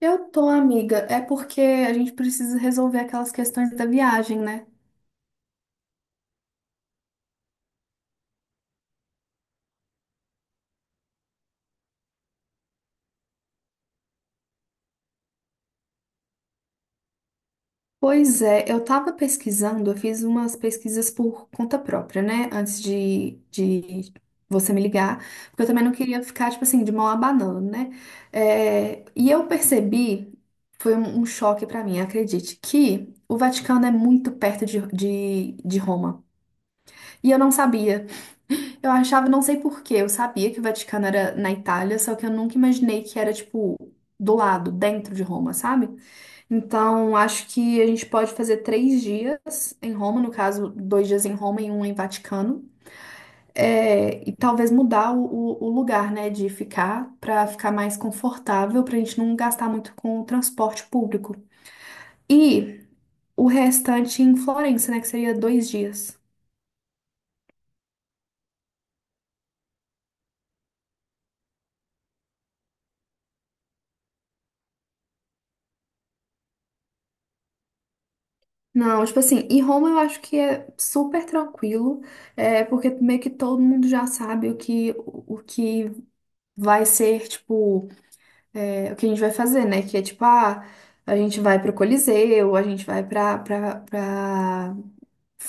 Eu tô, amiga. É porque a gente precisa resolver aquelas questões da viagem, né? Pois é, eu tava pesquisando, eu fiz umas pesquisas por conta própria, né? Antes de você me ligar, porque eu também não queria ficar, tipo assim, de mão abanando, né? É, e eu percebi, foi um choque pra mim, acredite, que o Vaticano é muito perto de Roma. E eu não sabia. Eu achava, não sei por quê, eu sabia que o Vaticano era na Itália, só que eu nunca imaginei que era, tipo, do lado, dentro de Roma, sabe? Então, acho que a gente pode fazer 3 dias em Roma, no caso, 2 dias em Roma e um em Vaticano. É, e talvez mudar o lugar, né, de ficar, pra ficar mais confortável, pra gente não gastar muito com o transporte público. E o restante em Florença, né, que seria 2 dias. Não, tipo assim, e Roma eu acho que é super tranquilo, é, porque meio que todo mundo já sabe o que vai ser, tipo, o que a gente vai fazer, né? Que é tipo, ah, a gente vai pro Coliseu, a gente vai pra, pra, pra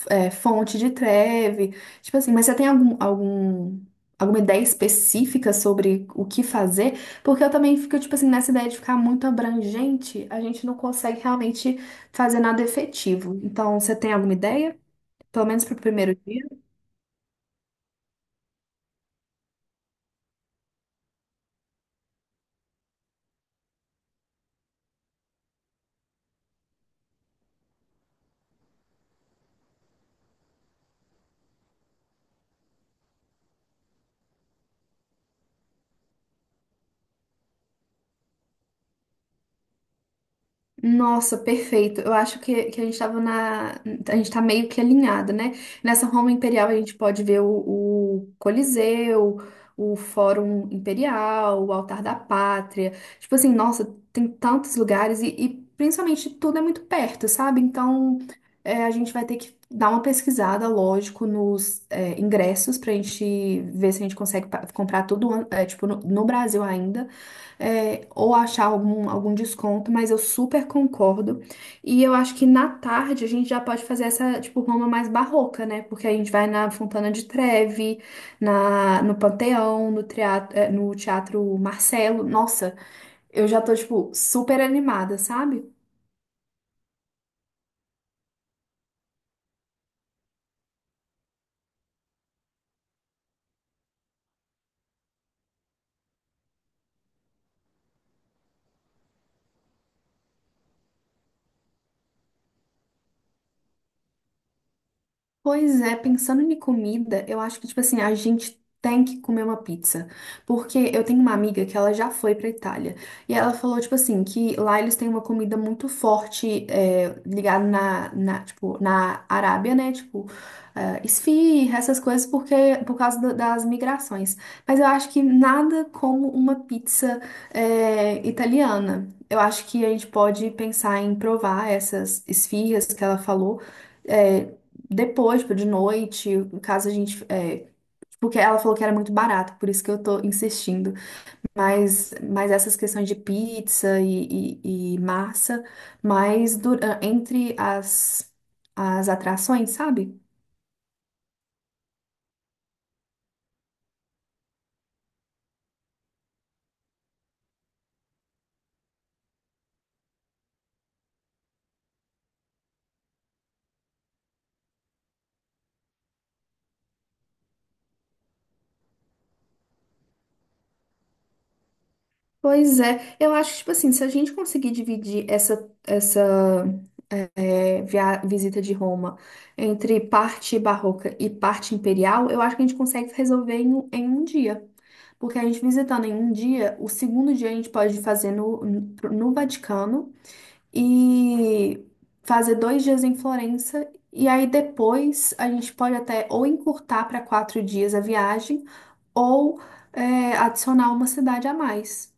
é, fonte de treve. Tipo assim, mas você tem alguma ideia específica sobre o que fazer? Porque eu também fico, tipo assim, nessa ideia de ficar muito abrangente, a gente não consegue realmente fazer nada efetivo. Então, você tem alguma ideia? Pelo menos pro primeiro dia? Nossa, perfeito. Eu acho que a gente estava na. A gente tá meio que alinhado, né? Nessa Roma Imperial a gente pode ver o Coliseu, o Fórum Imperial, o Altar da Pátria. Tipo assim, nossa, tem tantos lugares e principalmente tudo é muito perto, sabe? Então a gente vai ter que dar uma pesquisada, lógico, nos ingressos pra gente ver se a gente consegue comprar tudo, é, tipo, no Brasil ainda ou achar algum desconto, mas eu super concordo. E eu acho que na tarde a gente já pode fazer essa, tipo, Roma mais barroca, né? Porque a gente vai na Fontana de Trevi, no Panteão, no teatro, no Teatro Marcelo. Nossa, eu já tô, tipo, super animada, sabe? Pois é, pensando em comida, eu acho que, tipo assim, a gente tem que comer uma pizza. Porque eu tenho uma amiga que ela já foi pra Itália. E ela falou, tipo assim, que lá eles têm uma comida muito forte, é, ligada tipo, na Arábia, né? Tipo, esfirra, essas coisas, porque, por causa das migrações. Mas eu acho que nada como uma pizza, italiana. Eu acho que a gente pode pensar em provar essas esfirras que ela falou. é, Depois, tipo, de noite, caso a gente. É, porque ela falou que era muito barato, por isso que eu tô insistindo. Mas essas questões de pizza e massa, mas entre as atrações, sabe? Pois é, eu acho que, tipo assim, se a gente conseguir dividir essa visita de Roma entre parte barroca e parte imperial, eu acho que a gente consegue resolver em um dia. Porque a gente visitando em um dia, o segundo dia a gente pode fazer no Vaticano e fazer 2 dias em Florença. E aí depois a gente pode até ou encurtar para 4 dias a viagem ou adicionar uma cidade a mais.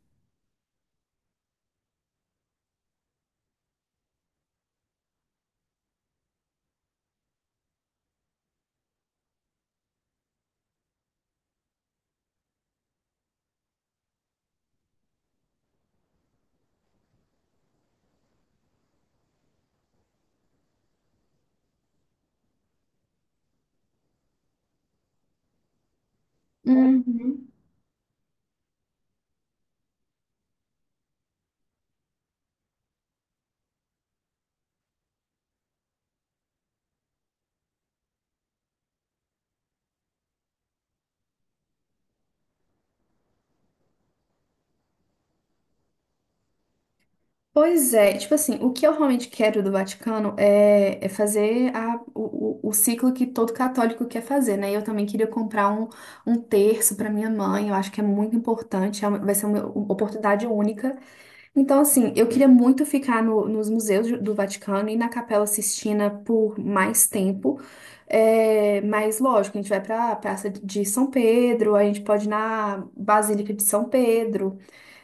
Uhum. Pois é, tipo assim, o que eu realmente quero do Vaticano é fazer o ciclo que todo católico quer fazer, né? Eu também queria comprar um terço para minha mãe, eu acho que é muito importante, é vai ser uma oportunidade única. Então, assim, eu queria muito ficar nos museus do Vaticano e na Capela Sistina por mais tempo. É, mas, lógico, a gente vai para a Praça de São Pedro, a gente pode ir na Basílica de São Pedro.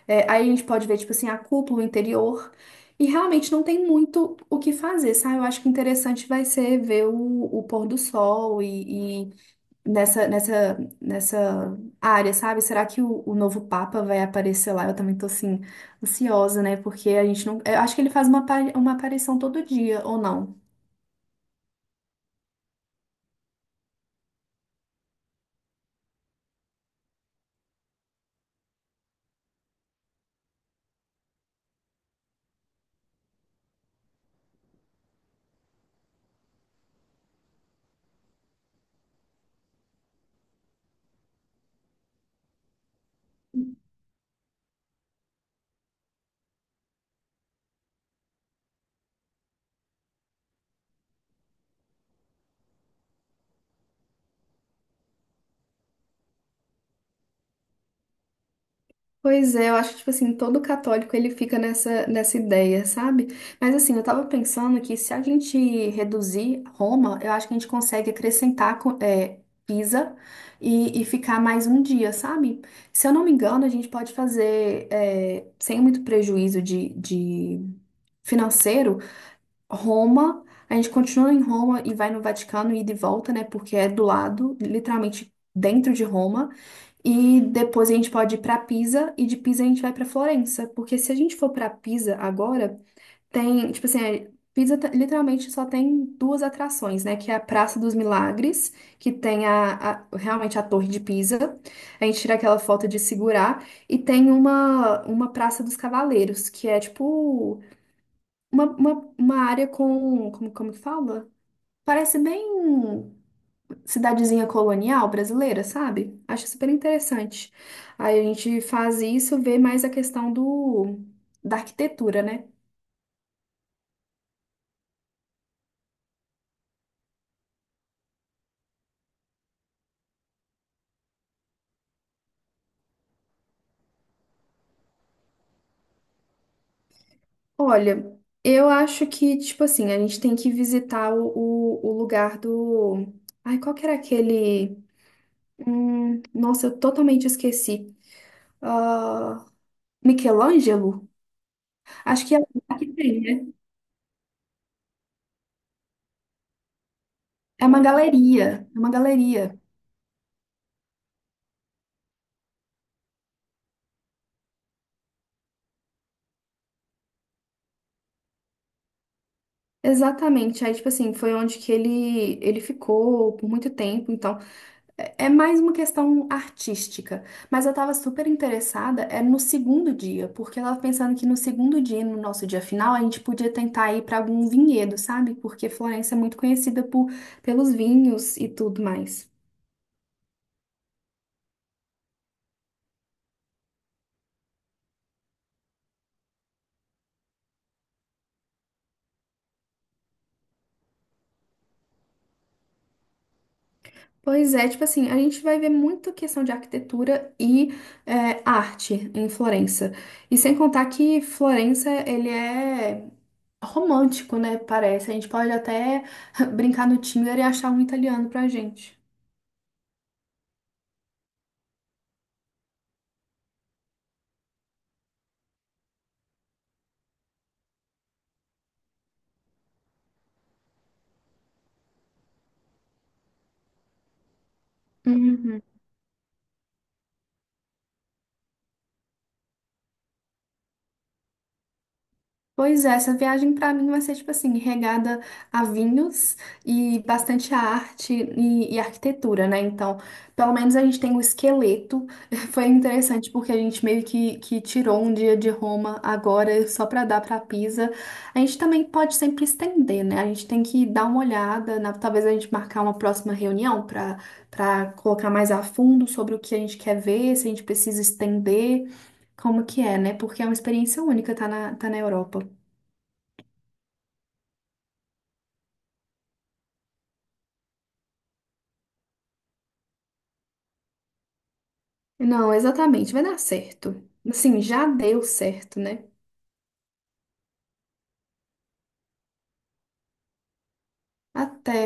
É, aí a gente pode ver, tipo assim, a cúpula o interior. E realmente não tem muito o que fazer, sabe? Eu acho que interessante vai ser ver o pôr do sol e nessa área, sabe? Será que o novo Papa vai aparecer lá? Eu também tô, assim, ansiosa, né? Porque a gente não. Eu acho que ele faz uma aparição todo dia, ou não? Pois é, eu acho que, tipo assim, todo católico ele fica nessa ideia, sabe? Mas assim, eu tava pensando que se a gente reduzir Roma, eu acho que a gente consegue acrescentar Pisa e ficar mais um dia, sabe? Se eu não me engano, a gente pode fazer, sem muito prejuízo de financeiro, Roma, a gente continua em Roma e vai no Vaticano e de volta, né? Porque é do lado, literalmente dentro de Roma. E depois a gente pode ir para Pisa e de Pisa a gente vai para Florença, porque se a gente for para Pisa agora, tem, tipo assim, literalmente só tem 2 atrações, né? Que é a Praça dos Milagres, que tem realmente a Torre de Pisa. A gente tira aquela foto de segurar e tem uma Praça dos Cavaleiros, que é tipo uma área com, como que fala? Parece bem cidadezinha colonial brasileira, sabe? Acho super interessante. Aí a gente faz isso, vê mais a questão da arquitetura, né? Olha, eu acho que, tipo assim, a gente tem que visitar o lugar do. Ai, qual que era aquele. Nossa, eu totalmente esqueci. Ah, Michelangelo? Acho que é o que tem, né? É uma galeria. É uma galeria. Exatamente. Aí, tipo assim, foi onde que ele ficou por muito tempo. Então, é mais uma questão artística. Mas eu tava super interessada, é no segundo dia, porque eu tava pensando que no segundo dia, no nosso dia final, a gente podia tentar ir pra algum vinhedo, sabe? Porque Florença é muito conhecida pelos vinhos e tudo mais. Pois é, tipo assim, a gente vai ver muita questão de arquitetura e arte em Florença. E sem contar que Florença, ele é romântico, né? Parece. A gente pode até brincar no Tinder e achar um italiano pra gente. Uhum. Pois é, essa viagem pra mim vai ser tipo assim, regada a vinhos e bastante arte e arquitetura, né? Então, pelo menos a gente tem o esqueleto. Foi interessante porque a gente meio que tirou um dia de Roma agora só pra dar pra Pisa. A gente também pode sempre estender, né? A gente tem que dar uma olhada, talvez a gente marcar uma próxima reunião pra para colocar mais a fundo sobre o que a gente quer ver, se a gente precisa estender, como que é, né? Porque é uma experiência única, tá na Europa. Não, exatamente, vai dar certo. Assim, já deu certo, né? Até.